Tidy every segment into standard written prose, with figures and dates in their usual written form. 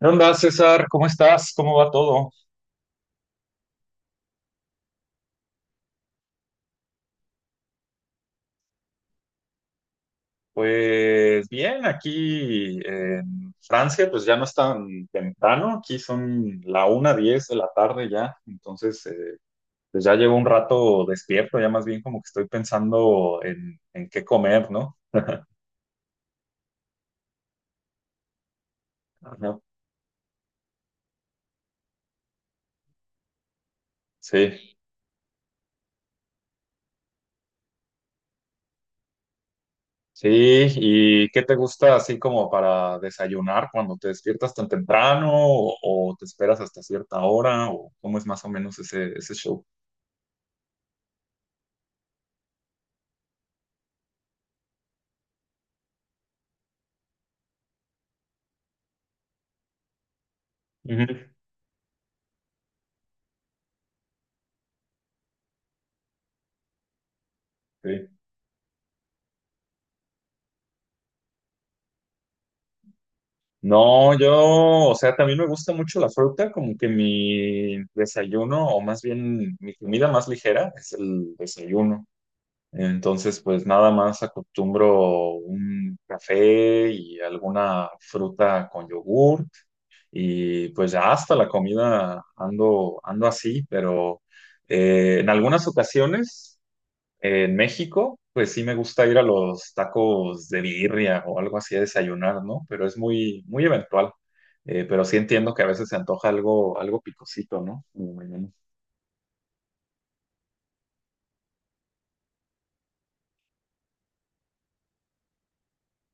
¿Qué onda, César? ¿Cómo estás? ¿Cómo va todo? Pues bien, aquí en Francia, pues ya no es tan temprano, aquí son la 1:10 de la tarde ya, entonces pues ya llevo un rato despierto, ya más bien como que estoy pensando en qué comer, ¿no? Ajá. Sí, sí, ¿y qué te gusta así como para desayunar cuando te despiertas tan temprano o te esperas hasta cierta hora o cómo es más o menos ese show? Ujú. Sí. No, yo, o sea, también me gusta mucho la fruta, como que mi desayuno, o más bien mi comida más ligera, es el desayuno. Entonces, pues nada más acostumbro un café y alguna fruta con yogurt. Y pues ya hasta la comida ando así, pero en algunas ocasiones en México, pues sí me gusta ir a los tacos de birria o algo así a desayunar, ¿no? Pero es muy, muy eventual. Pero sí entiendo que a veces se antoja algo picosito, ¿no? Como mañana.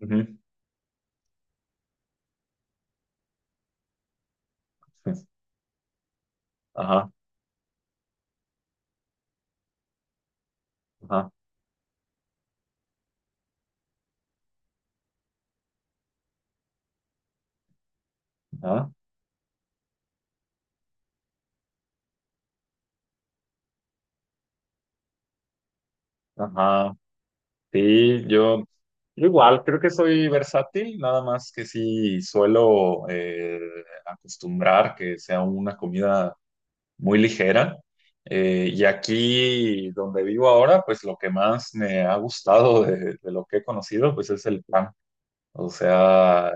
Ujú. Ajá, ajá, ajá, ajá. Sí, yo igual, creo que soy versátil, nada más que sí suelo acostumbrar que sea una comida muy ligera. Y aquí donde vivo ahora, pues lo que más me ha gustado de lo que he conocido, pues es el pan. O sea,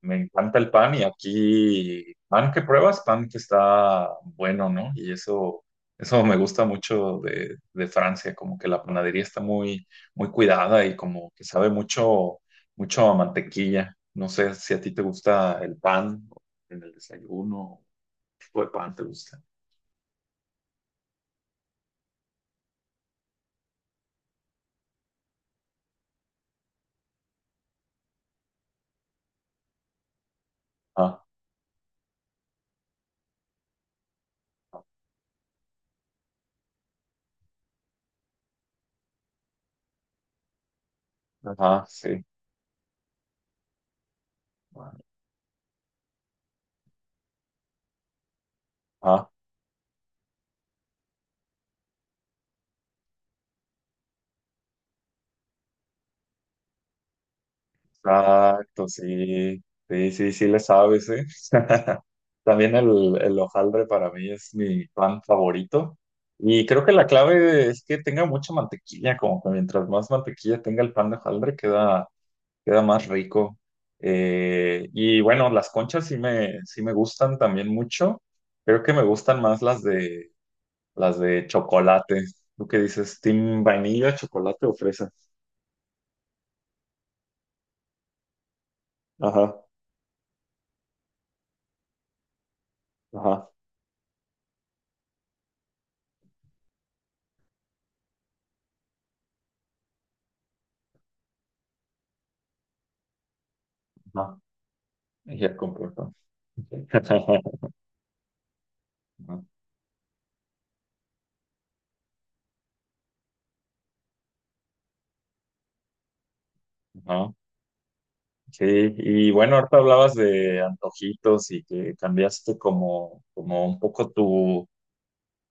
me encanta el pan y aquí pan que pruebas, pan que está bueno, ¿no? Y eso me gusta mucho de Francia, como que la panadería está muy, muy cuidada y como que sabe mucho, mucho a mantequilla. No sé si a ti te gusta el pan en el desayuno, qué tipo de pan te gusta. Ah. Ajá, sí. Ajá, exacto, sí. Sí, sí, sí le sabes, ¿eh? También el hojaldre para mí es mi pan favorito. Y creo que la clave es que tenga mucha mantequilla, como que mientras más mantequilla tenga el pan de hojaldre, queda más rico. Y bueno, las conchas sí me gustan también mucho. Creo que me gustan más las de chocolate. ¿Tú qué dices? ¿Team vainilla, chocolate o fresa? Ajá, ajá, ajá. Ya comportó. Ajá, ajá. Sí, y bueno, ahorita hablabas de antojitos y que cambiaste como un poco tu,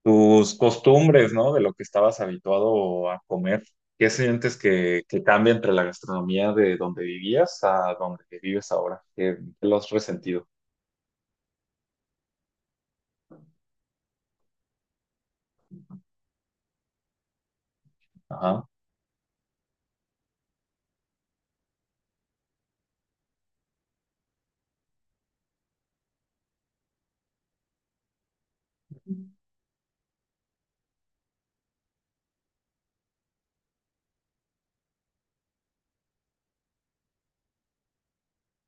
tus costumbres, ¿no? De lo que estabas habituado a comer. ¿Qué sientes que cambia entre la gastronomía de donde vivías a donde vives ahora? ¿Qué lo has resentido? Ajá.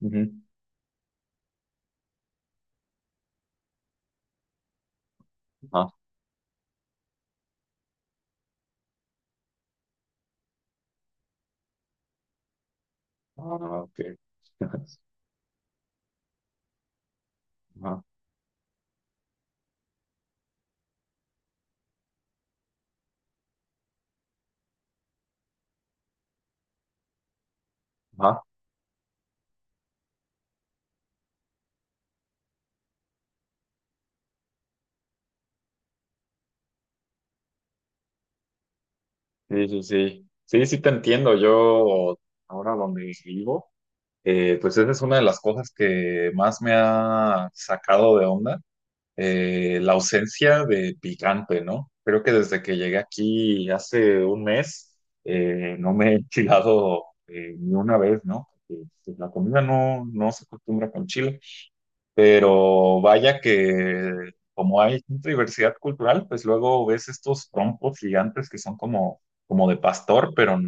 Ujú. Ajá. Ah, ok. Ajá. Ajá. Sí, sí, sí. Sí, sí te entiendo. Yo ahora donde vivo. Pues esa es una de las cosas que más me ha sacado de onda, la ausencia de picante, ¿no? Creo que desde que llegué aquí hace un mes, no me he enchilado ni una vez, ¿no? Porque, pues, la comida no se acostumbra con chile. Pero vaya que como hay tanta diversidad cultural, pues luego ves estos trompos gigantes que son como de pastor, pero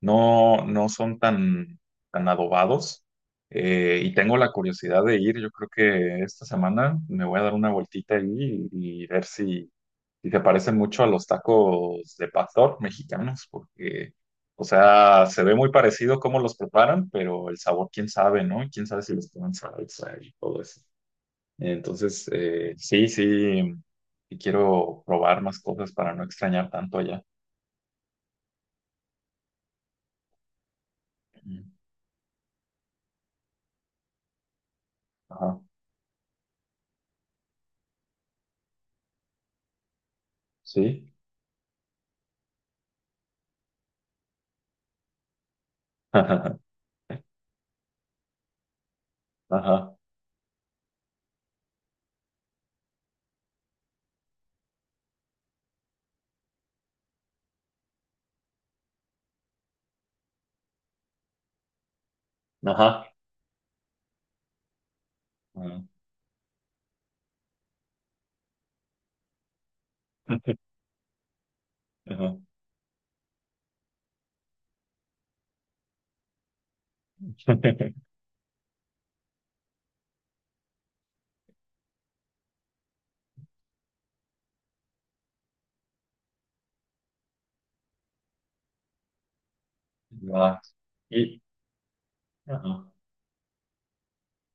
no son tan adobados. Y tengo la curiosidad de ir, yo creo que esta semana me voy a dar una vueltita ahí y ver si se parecen mucho a los tacos de pastor mexicanos, porque, o sea, se ve muy parecido cómo los preparan, pero el sabor, quién sabe, ¿no? Quién sabe si les ponen salsa y todo eso. Entonces, sí, sí, sí quiero probar más cosas para no extrañar tanto allá. Mm. Ajá, sí. Ajá, ajá, ajá. Ajá. Ajá. Y, ajá.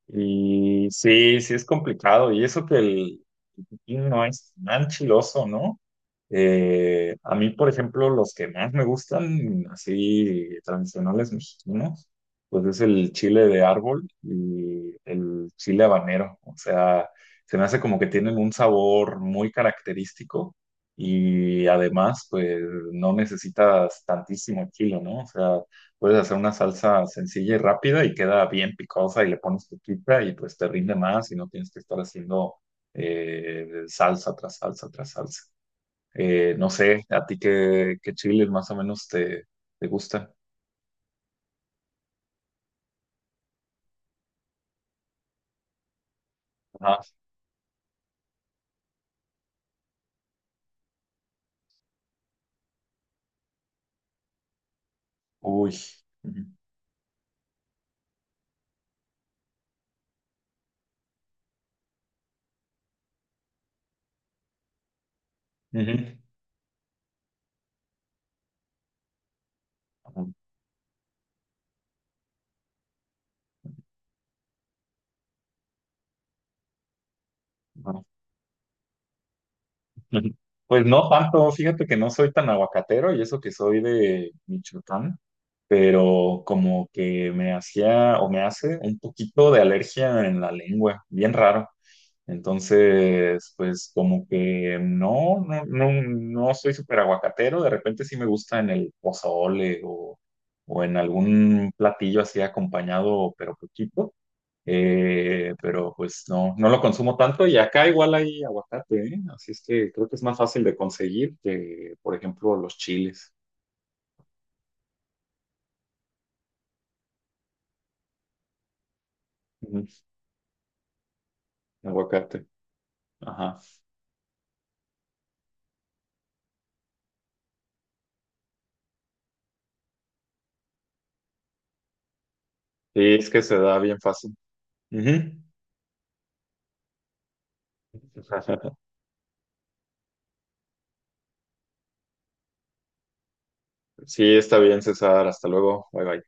Y sí, sí es complicado. Y eso que el pepino no es tan chiloso, ¿no? A mí, por ejemplo, los que más me gustan, así tradicionales mexicanos, pues es el chile de árbol y el chile habanero. O sea, se me hace como que tienen un sabor muy característico y además, pues no necesitas tantísimo chile, ¿no? O sea, puedes hacer una salsa sencilla y rápida y queda bien picosa y le pones tu pizza y pues te rinde más y no tienes que estar haciendo salsa tras salsa tras salsa. No sé, ¿a ti qué chiles más o menos te gustan? Ajá. Uy. Ujú. Ujú. Ujú. Ujú. Ujú. Pues no tanto, fíjate que no soy tan aguacatero y eso que soy de Michoacán, pero como que me hacía o me hace un poquito de alergia en la lengua, bien raro. Entonces, pues como que no soy súper aguacatero, de repente sí me gusta en el pozole o en algún platillo así acompañado, pero poquito. Pero pues no lo consumo tanto y acá igual hay aguacate, ¿eh? Así es que creo que es más fácil de conseguir que, por ejemplo, los chiles. Ujú. Aguacate, ajá, sí, es que se da bien fácil. Ujú. Sí, está bien, César, hasta luego, bye bye.